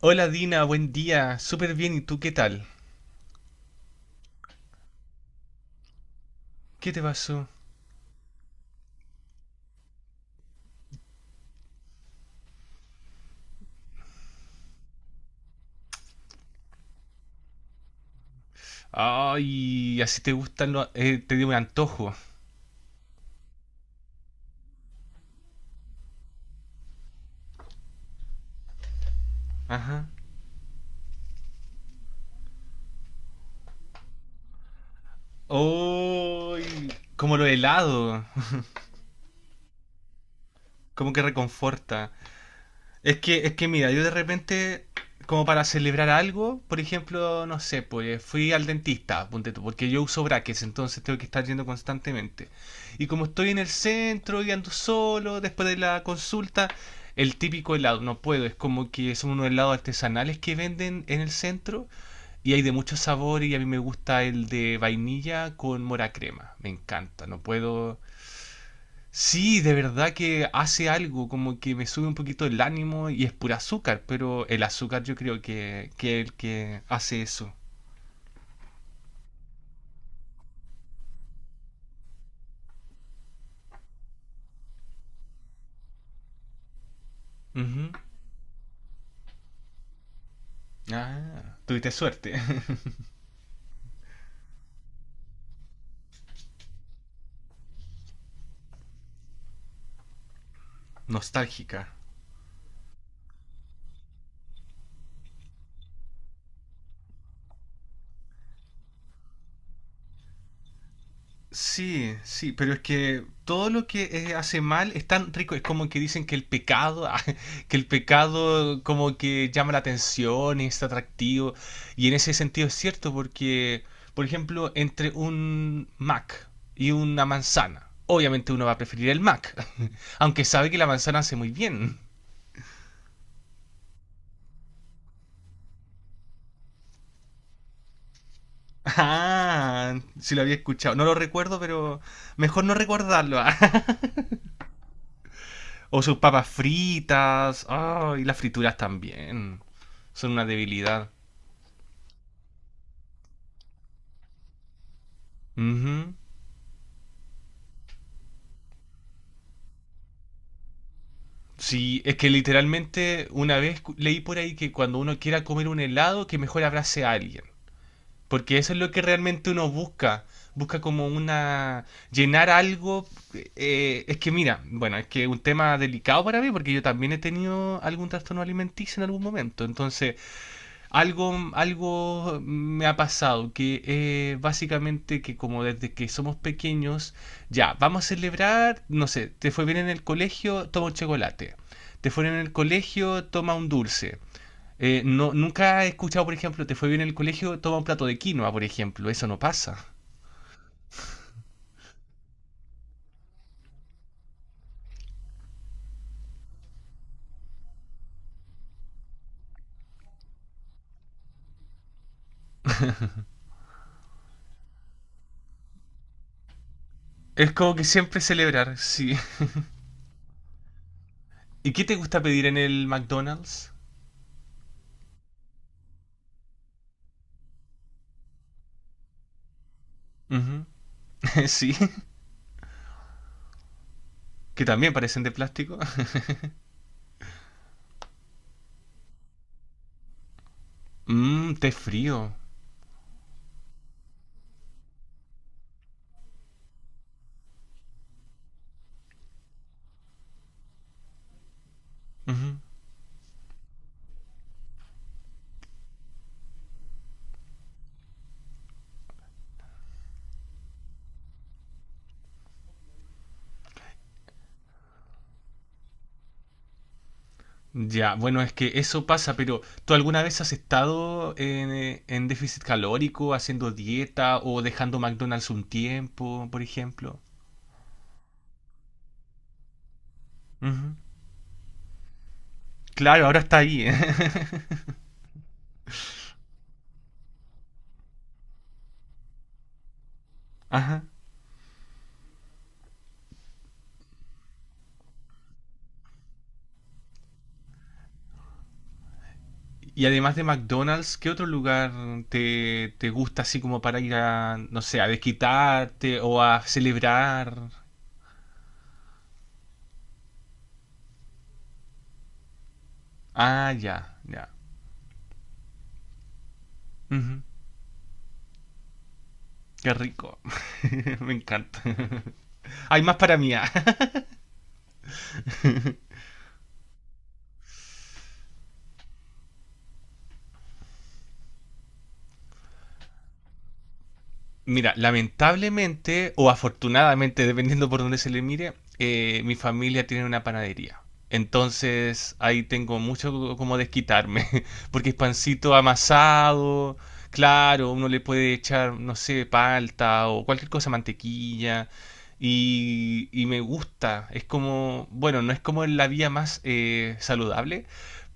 Hola Dina, buen día. Súper bien, ¿y tú qué tal? ¿Qué te pasó? Ay, así te gustan los... te dio un antojo. Ajá. ¡Uy, como lo helado! Como que reconforta. Es que mira, yo de repente, como para celebrar algo, por ejemplo, no sé, pues fui al dentista, ponte tú, porque yo uso brackets, entonces tengo que estar yendo constantemente. Y como estoy en el centro y ando solo, después de la consulta, el típico helado, no puedo, es como que son unos helados artesanales que venden en el centro y hay de mucho sabor y a mí me gusta el de vainilla con mora crema, me encanta, no puedo. Sí, de verdad que hace algo, como que me sube un poquito el ánimo y es pura azúcar, pero el azúcar yo creo que es el que hace eso. Ujú. Ah, tuviste suerte. Nostálgica. Sí, sí, pero es que todo lo que hace mal es tan rico, es como que dicen que el pecado, ah, que el pecado como que llama la atención, es atractivo, y en ese sentido es cierto porque, por ejemplo, entre un Mac y una manzana, obviamente uno va a preferir el Mac, aunque sabe que la manzana hace muy bien. Ah, sí lo había escuchado, no lo recuerdo, pero mejor no recordarlo. O sus papas fritas. Ah, y las frituras también. Son una debilidad. Ujú. Sí, es que literalmente una vez leí por ahí que cuando uno quiera comer un helado, que mejor abrace a alguien. Porque eso es lo que realmente uno busca. Busca como una... llenar algo. Es que mira, bueno, es que es un tema delicado para mí porque yo también he tenido algún trastorno alimenticio en algún momento. Entonces, algo me ha pasado, que básicamente que como desde que somos pequeños, ya, vamos a celebrar, no sé, te fue bien en el colegio, toma un chocolate, te fue bien en el colegio, toma un dulce. No, nunca he escuchado, por ejemplo, te fue bien en el colegio, toma un plato de quinoa, por ejemplo, eso no pasa. Es como que siempre celebrar, sí. ¿Y qué te gusta pedir en el McDonald's? Ujú. Sí, que también parecen de plástico. Mmm, té frío. Ujú. Ya, bueno, es que eso pasa, pero ¿tú alguna vez has estado en déficit calórico, haciendo dieta o dejando McDonald's un tiempo, por ejemplo? Ujú. Claro, ahora está ahí, ¿eh? Ajá. Y además de McDonald's, ¿qué otro lugar te gusta así como para ir a, no sé, a desquitarte o a celebrar? Ah, ya, ya. Ujú. Qué rico. Me encanta. Hay más para mí, ¿eh? Mira, lamentablemente o afortunadamente, dependiendo por donde se le mire, mi familia tiene una panadería. Entonces ahí tengo mucho como desquitarme, porque es pancito amasado, claro, uno le puede echar, no sé, palta o cualquier cosa, mantequilla, y me gusta, es como, bueno, no es como la vía más saludable,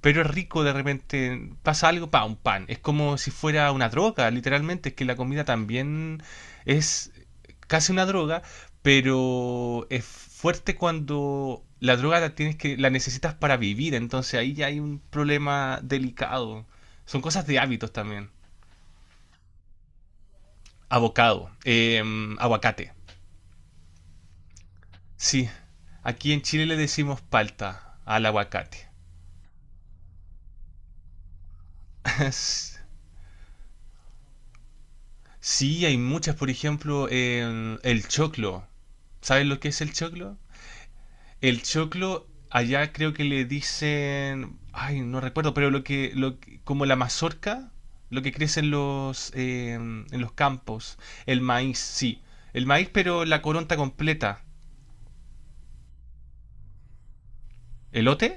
pero es rico. De repente, pasa algo, pa, un pan. Es como si fuera una droga, literalmente, es que la comida también es casi una droga, pero es fuerte cuando la droga la necesitas para vivir, entonces ahí ya hay un problema delicado. Son cosas de hábitos también. Avocado, aguacate. Sí, aquí en Chile le decimos palta al aguacate. Sí, hay muchas, por ejemplo, en el choclo. ¿Sabes lo que es el choclo? El choclo, allá creo que le dicen, ay, no recuerdo, pero como la mazorca, lo que crece en los campos. El maíz, sí. El maíz, pero la coronta completa. ¿Elote?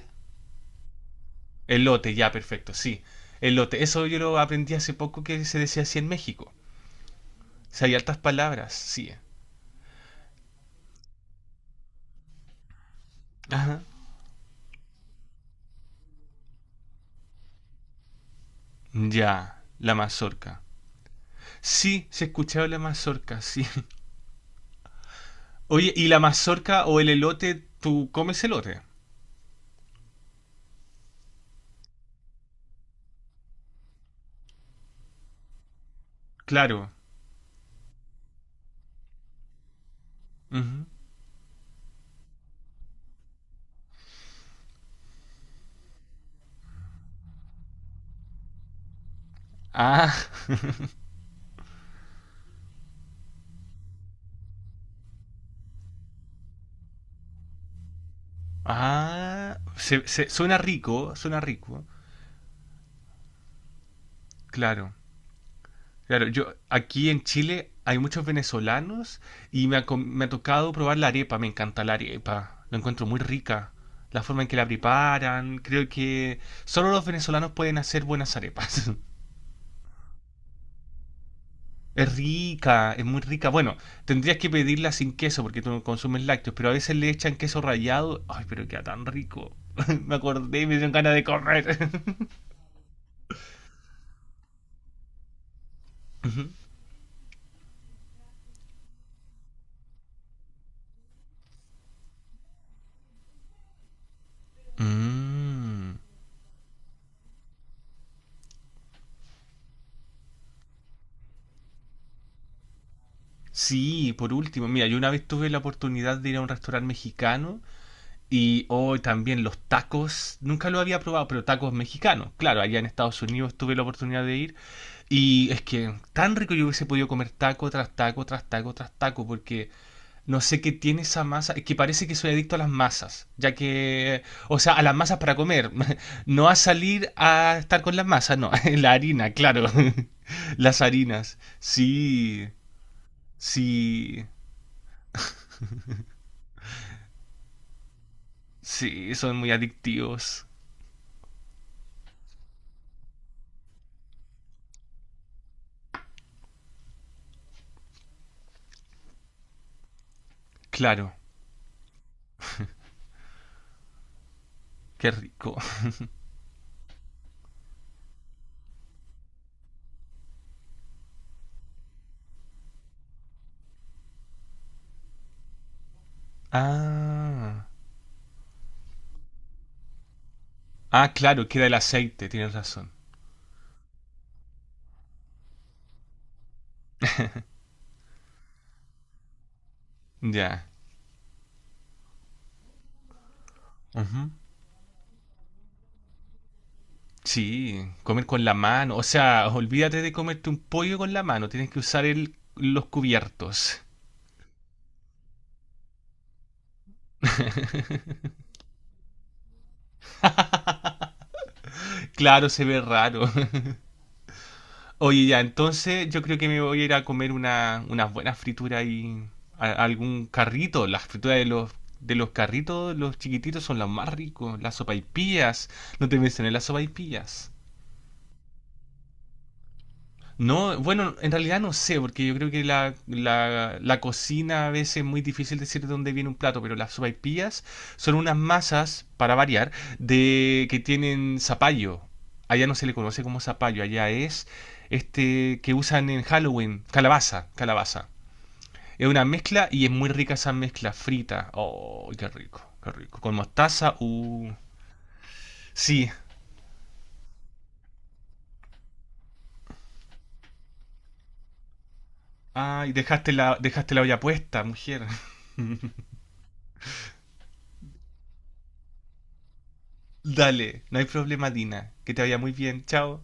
Elote, ya, perfecto, sí. Elote. Eso yo lo aprendí hace poco que se decía así en México. O sea, hay altas palabras, sí. Ajá. Ya, la mazorca. Sí, se escuchaba la mazorca, sí. Oye, ¿y la mazorca o el elote, tú comes elote? Claro. Ujú. Ah, ah, suena rico, suena rico. Claro, claro. Yo aquí en Chile hay muchos venezolanos y me ha, me ha tocado probar la arepa. Me encanta la arepa. Lo encuentro muy rica. La forma en que la preparan. Creo que solo los venezolanos pueden hacer buenas arepas. Es rica, es muy rica. Bueno, tendrías que pedirla sin queso porque tú no consumes lácteos, pero a veces le echan queso rallado. Ay, pero queda tan rico. Me acordé y me dieron ganas de correr. Mm. Sí, por último, mira, yo una vez tuve la oportunidad de ir a un restaurante mexicano y hoy también los tacos, nunca lo había probado, pero tacos mexicanos. Claro, allá en Estados Unidos tuve la oportunidad de ir y es que tan rico yo hubiese podido comer taco tras taco, tras taco, tras taco, porque no sé qué tiene esa masa, es que parece que soy adicto a las masas, ya que, o sea, a las masas para comer, no a salir a estar con las masas, no, la harina, claro, las harinas, sí, sí, sí, son muy adictivos, claro, qué rico. Ah, ah, claro, queda el aceite, tienes razón, ya. Ujú. Sí, comer con la mano, o sea, olvídate de comerte un pollo con la mano, tienes que usar los cubiertos. Claro, se ve raro. Oye, ya, entonces yo creo que me voy a ir a comer unas buenas frituras y algún carrito. Las frituras de los carritos, los chiquititos, son los más ricos. Las sopaipillas. No te mencioné las sopaipillas. No, bueno, en realidad no sé, porque yo creo que la cocina a veces es muy difícil decir de dónde viene un plato, pero las sopaipillas son unas masas, para variar, de que tienen zapallo. Allá no se le conoce como zapallo, allá es este que usan en Halloween, calabaza, calabaza. Es una mezcla y es muy rica esa mezcla frita. Oh, qué rico, qué rico. Con mostaza. Sí. Ay, dejaste la olla puesta, mujer. Dale, no hay problema, Dina. Que te vaya muy bien. Chao.